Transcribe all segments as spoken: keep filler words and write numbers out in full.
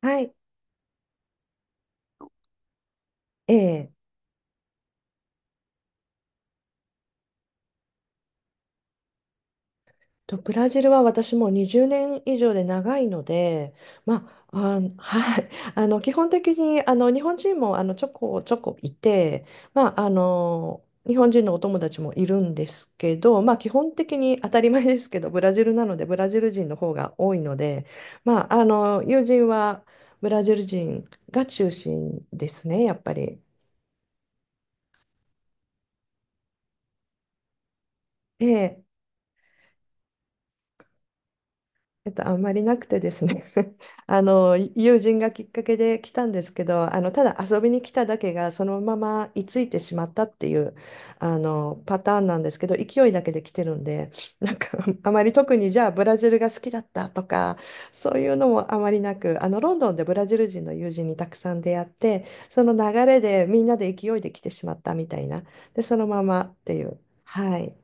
はい。ええと、ブラジルは私もうにじゅうねん以上で長いので、まあ、あはい。あの、基本的に、あの、日本人も、あの、ちょこちょこいて、まあ、あの、日本人のお友達もいるんですけど、まあ、基本的に当たり前ですけど、ブラジルなので、ブラジル人の方が多いので、まあ、あの、友人はブラジル人が中心ですね、やっぱり。えええっと、あんまりなくてですね。 あの友人がきっかけで来たんですけど、あのただ遊びに来ただけがそのまま居ついてしまったっていうあのパターンなんですけど、勢いだけで来てるんで。 なんか あまり特にじゃあブラジルが好きだったとか、そういうのもあまりなく、あのロンドンでブラジル人の友人にたくさん出会って、その流れでみんなで勢いで来てしまったみたいな。でそのままっていう。はい。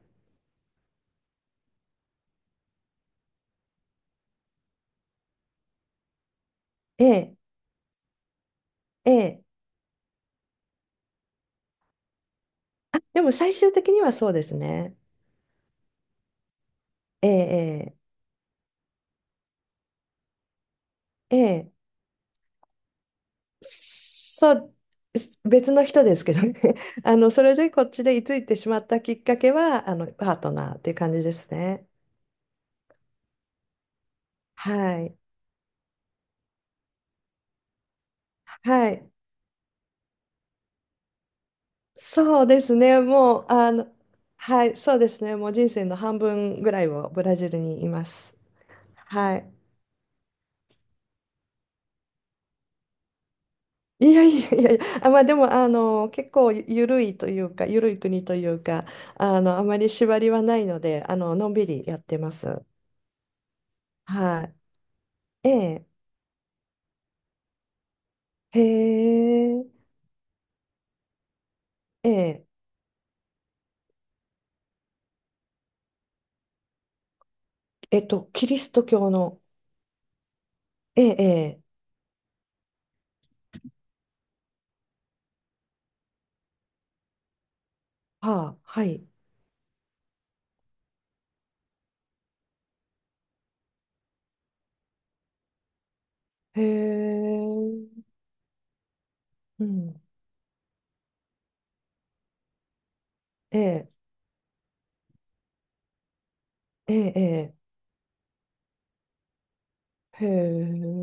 ええ。ええ。でも最終的にはそうですね。ええ、ええ、ええ、そう、す別の人ですけどね。あの、それでこっちで居ついてしまったきっかけは、あの、パートナーっていう感じですね。はい。はい。そうですね。もう、あの、はい、そうですね。もう人生の半分ぐらいをブラジルにいます。はい。いやいやいやいや、あ、まあでも、あの、結構ゆゆるいというか、ゆるい国というか、あの、あまり縛りはないので、あの、のんびりやってます。はい。ええ。へえ、ええ、えっと、キリスト教の、ええ、ええ、はあ、はい、へえ、うん、ええ、ええ、ええ。へえ、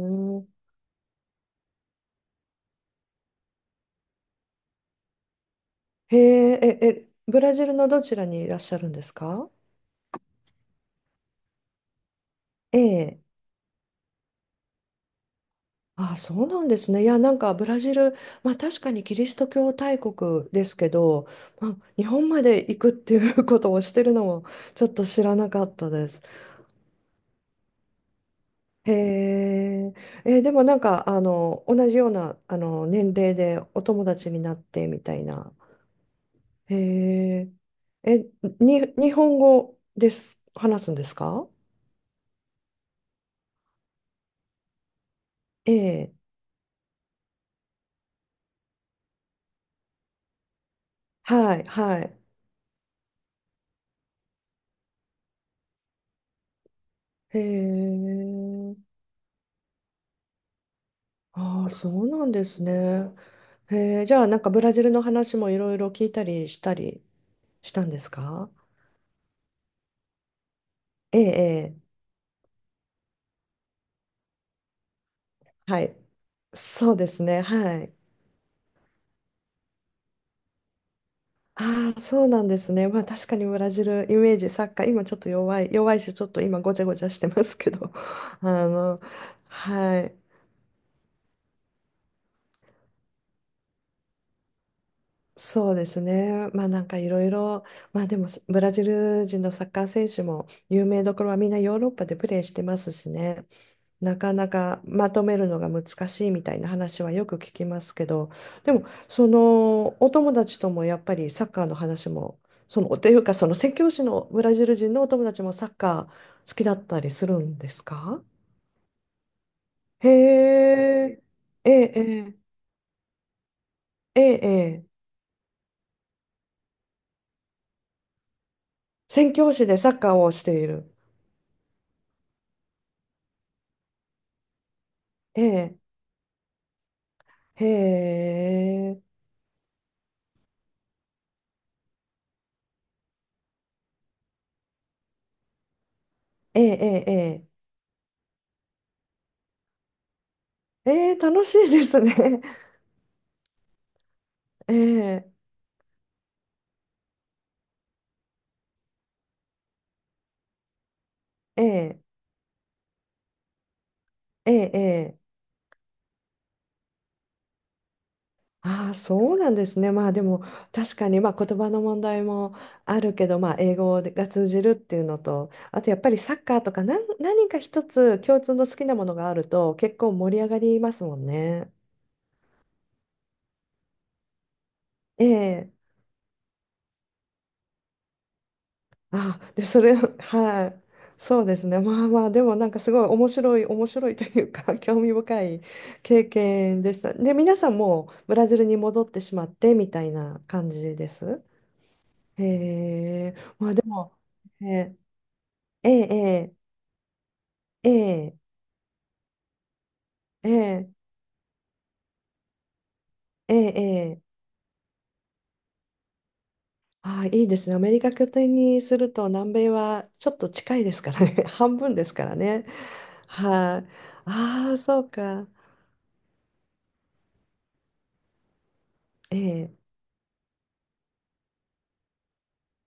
へえ、え、え、ブラジルのどちらにいらっしゃるんですか？ええ、あ、そうなんですね。いや、なんかブラジル、まあ確かにキリスト教大国ですけど、まあ、日本まで行くっていうことをしてるのもちょっと知らなかったです。へえ、えーでもなんかあの同じようなあの年齢でお友達になってみたいな。へえ、え、に、日本語です、話すんですか？ええ、はい、はい。へえ、ああ、そうなんですね。へえ、じゃあなんかブラジルの話もいろいろ聞いたりしたりしたんですか？ええ、ええ、はい。そうですね、はい。ああ、そうなんですね。まあ確かにブラジルイメージ、サッカー、今ちょっと弱い、弱いし、ちょっと今ごちゃごちゃしてますけど、あの、はい、そうですね。まあなんかいろいろ、まあでもブラジル人のサッカー選手も有名どころはみんなヨーロッパでプレーしてますしね。なかなかまとめるのが難しいみたいな話はよく聞きますけど、でもそのお友達ともやっぱりサッカーの話も、そのというか、その宣教師のブラジル人のお友達もサッカー好きだったりするんですか？へえ、ええ、ええ、ええ、宣教師でサッカーをしている。ええ、へえ、ええ、ええ、ええ、ええ、楽しいですね。ええ、ええ、ええ、え。ああ、そうなんですね。まあでも確かに、まあ言葉の問題もあるけど、まあ、英語が通じるっていうのと、あとやっぱりサッカーとか何、何か一つ共通の好きなものがあると結構盛り上がりますもんね。ええ。ああ、でそれ はい。そうですね。まあまあでもなんかすごい面白い面白いというか 興味深い経験でした。で皆さんもうブラジルに戻ってしまってみたいな感じです。へえ。まあでも。えーええ、ええ、ええ、ええ、ええ。ああ、いいですね。アメリカ拠点にすると南米はちょっと近いですからね。半分ですからね。はい、あ。ああ、そうか。ええ。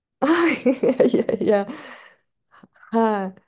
ああ、いやいやいや。はい、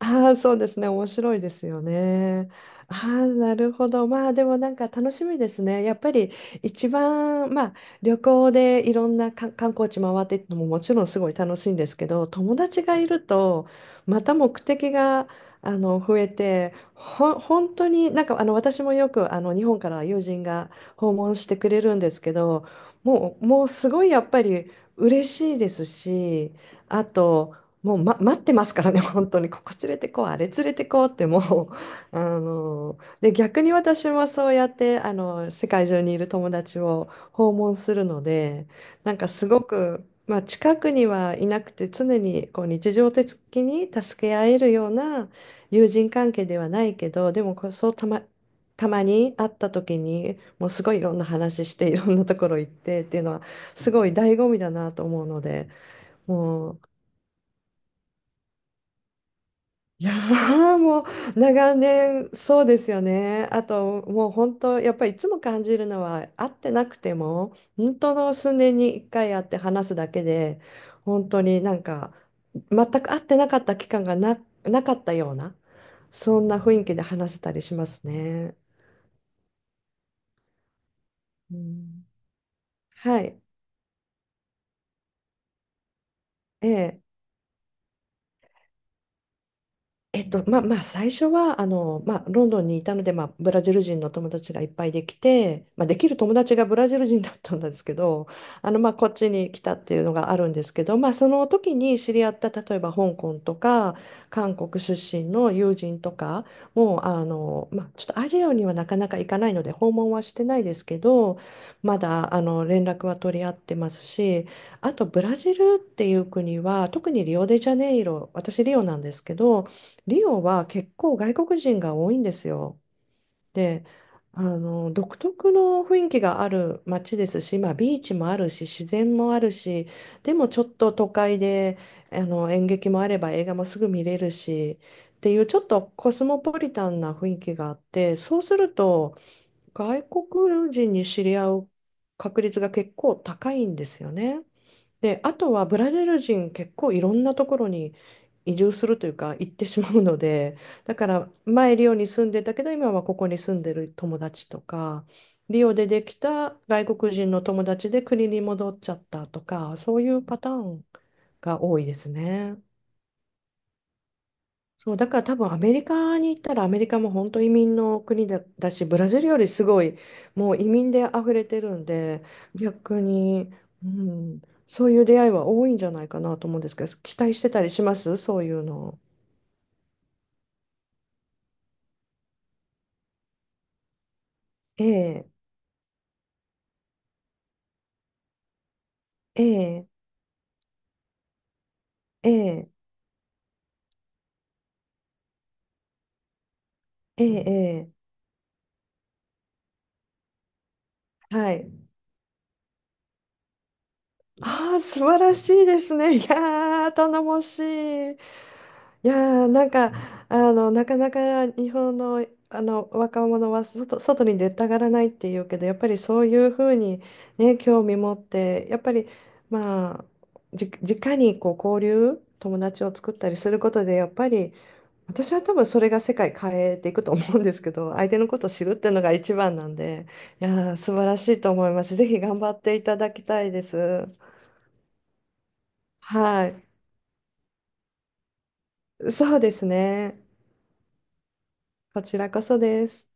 ああ、そうですね。面白いですよね。ああ、なるほど。まあ、でもなんか楽しみですね。やっぱり一番、まあ、旅行でいろんなか観光地回っていくのももちろんすごい楽しいんですけど、友達がいると、また目的が、あの、増えて、ほ本当になんか、あの、私もよく、あの、日本から友人が訪問してくれるんですけど、もう、もうすごいやっぱり嬉しいですし、あと、もう、ま、待ってますからね、本当に、ここ連れてこう、あれ連れてこうって、もう、あの、で、逆に私もそうやって、あの、世界中にいる友達を訪問するので、なんかすごく、まあ、近くにはいなくて、常にこう日常的に助け合えるような友人関係ではないけど、でもこう、そうたま、たまに会った時に、もうすごいいろんな話して、いろんなところ行ってっていうのは、すごい醍醐味だなと思うので、もう、いやーもう長年そうですよね。あともう本当やっぱりいつも感じるのは、会ってなくても本当の数年にいっかい会って話すだけで、本当になんか全く会ってなかった期間がな、なかったようなそんな雰囲気で話せたりしますね。うん。はい。ええ。えっと、まあまあ最初はあの、まあ、ロンドンにいたので、まあ、ブラジル人の友達がいっぱいできて、まあ、できる友達がブラジル人だったんですけど、あの、まあ、こっちに来たっていうのがあるんですけど、まあ、その時に知り合った例えば香港とか韓国出身の友人とかも、あの、まあ、ちょっとアジアにはなかなか行かないので訪問はしてないですけど、まだあの連絡は取り合ってますし、あとブラジルっていう国は特にリオデジャネイロ、私リオなんですけど、リオは結構外国人が多いんですよ。で、あの独特の雰囲気がある街ですし、まあ、ビーチもあるし自然もあるし、でもちょっと都会で、あの演劇もあれば映画もすぐ見れるしっていう、ちょっとコスモポリタンな雰囲気があって、そうすると外国人に知り合う確率が結構高いんですよね。で、あとはブラジル人結構いろんなところに移住するというか行ってしまうので、だから前リオに住んでたけど今はここに住んでる友達とか、リオでできた外国人の友達で国に戻っちゃったとか、そういうパターンが多いですね。そう、だから多分アメリカに行ったらアメリカも本当移民の国だ、だし、ブラジルよりすごいもう移民で溢れてるんで、逆に、うん、そういう出会いは多いんじゃないかなと思うんですけど、期待してたりしますそういうの。ええ、ええ、ええ、ええ、ええ、はい。ああ、素晴らしいですね。いやー、頼もしい。いやーなんか、あの、なかなか日本の、あの若者は外、外に出たがらないっていうけど、やっぱりそういうふうに、ね、興味持ってやっぱり、まあ、じ直にこう交流友達を作ったりすることでやっぱり、私は多分それが世界変えていくと思うんですけど、 相手のことを知るっていうのが一番なんで、いやー素晴らしいと思います。ぜひ頑張っていただきたいです。はい、そうですね。こちらこそです。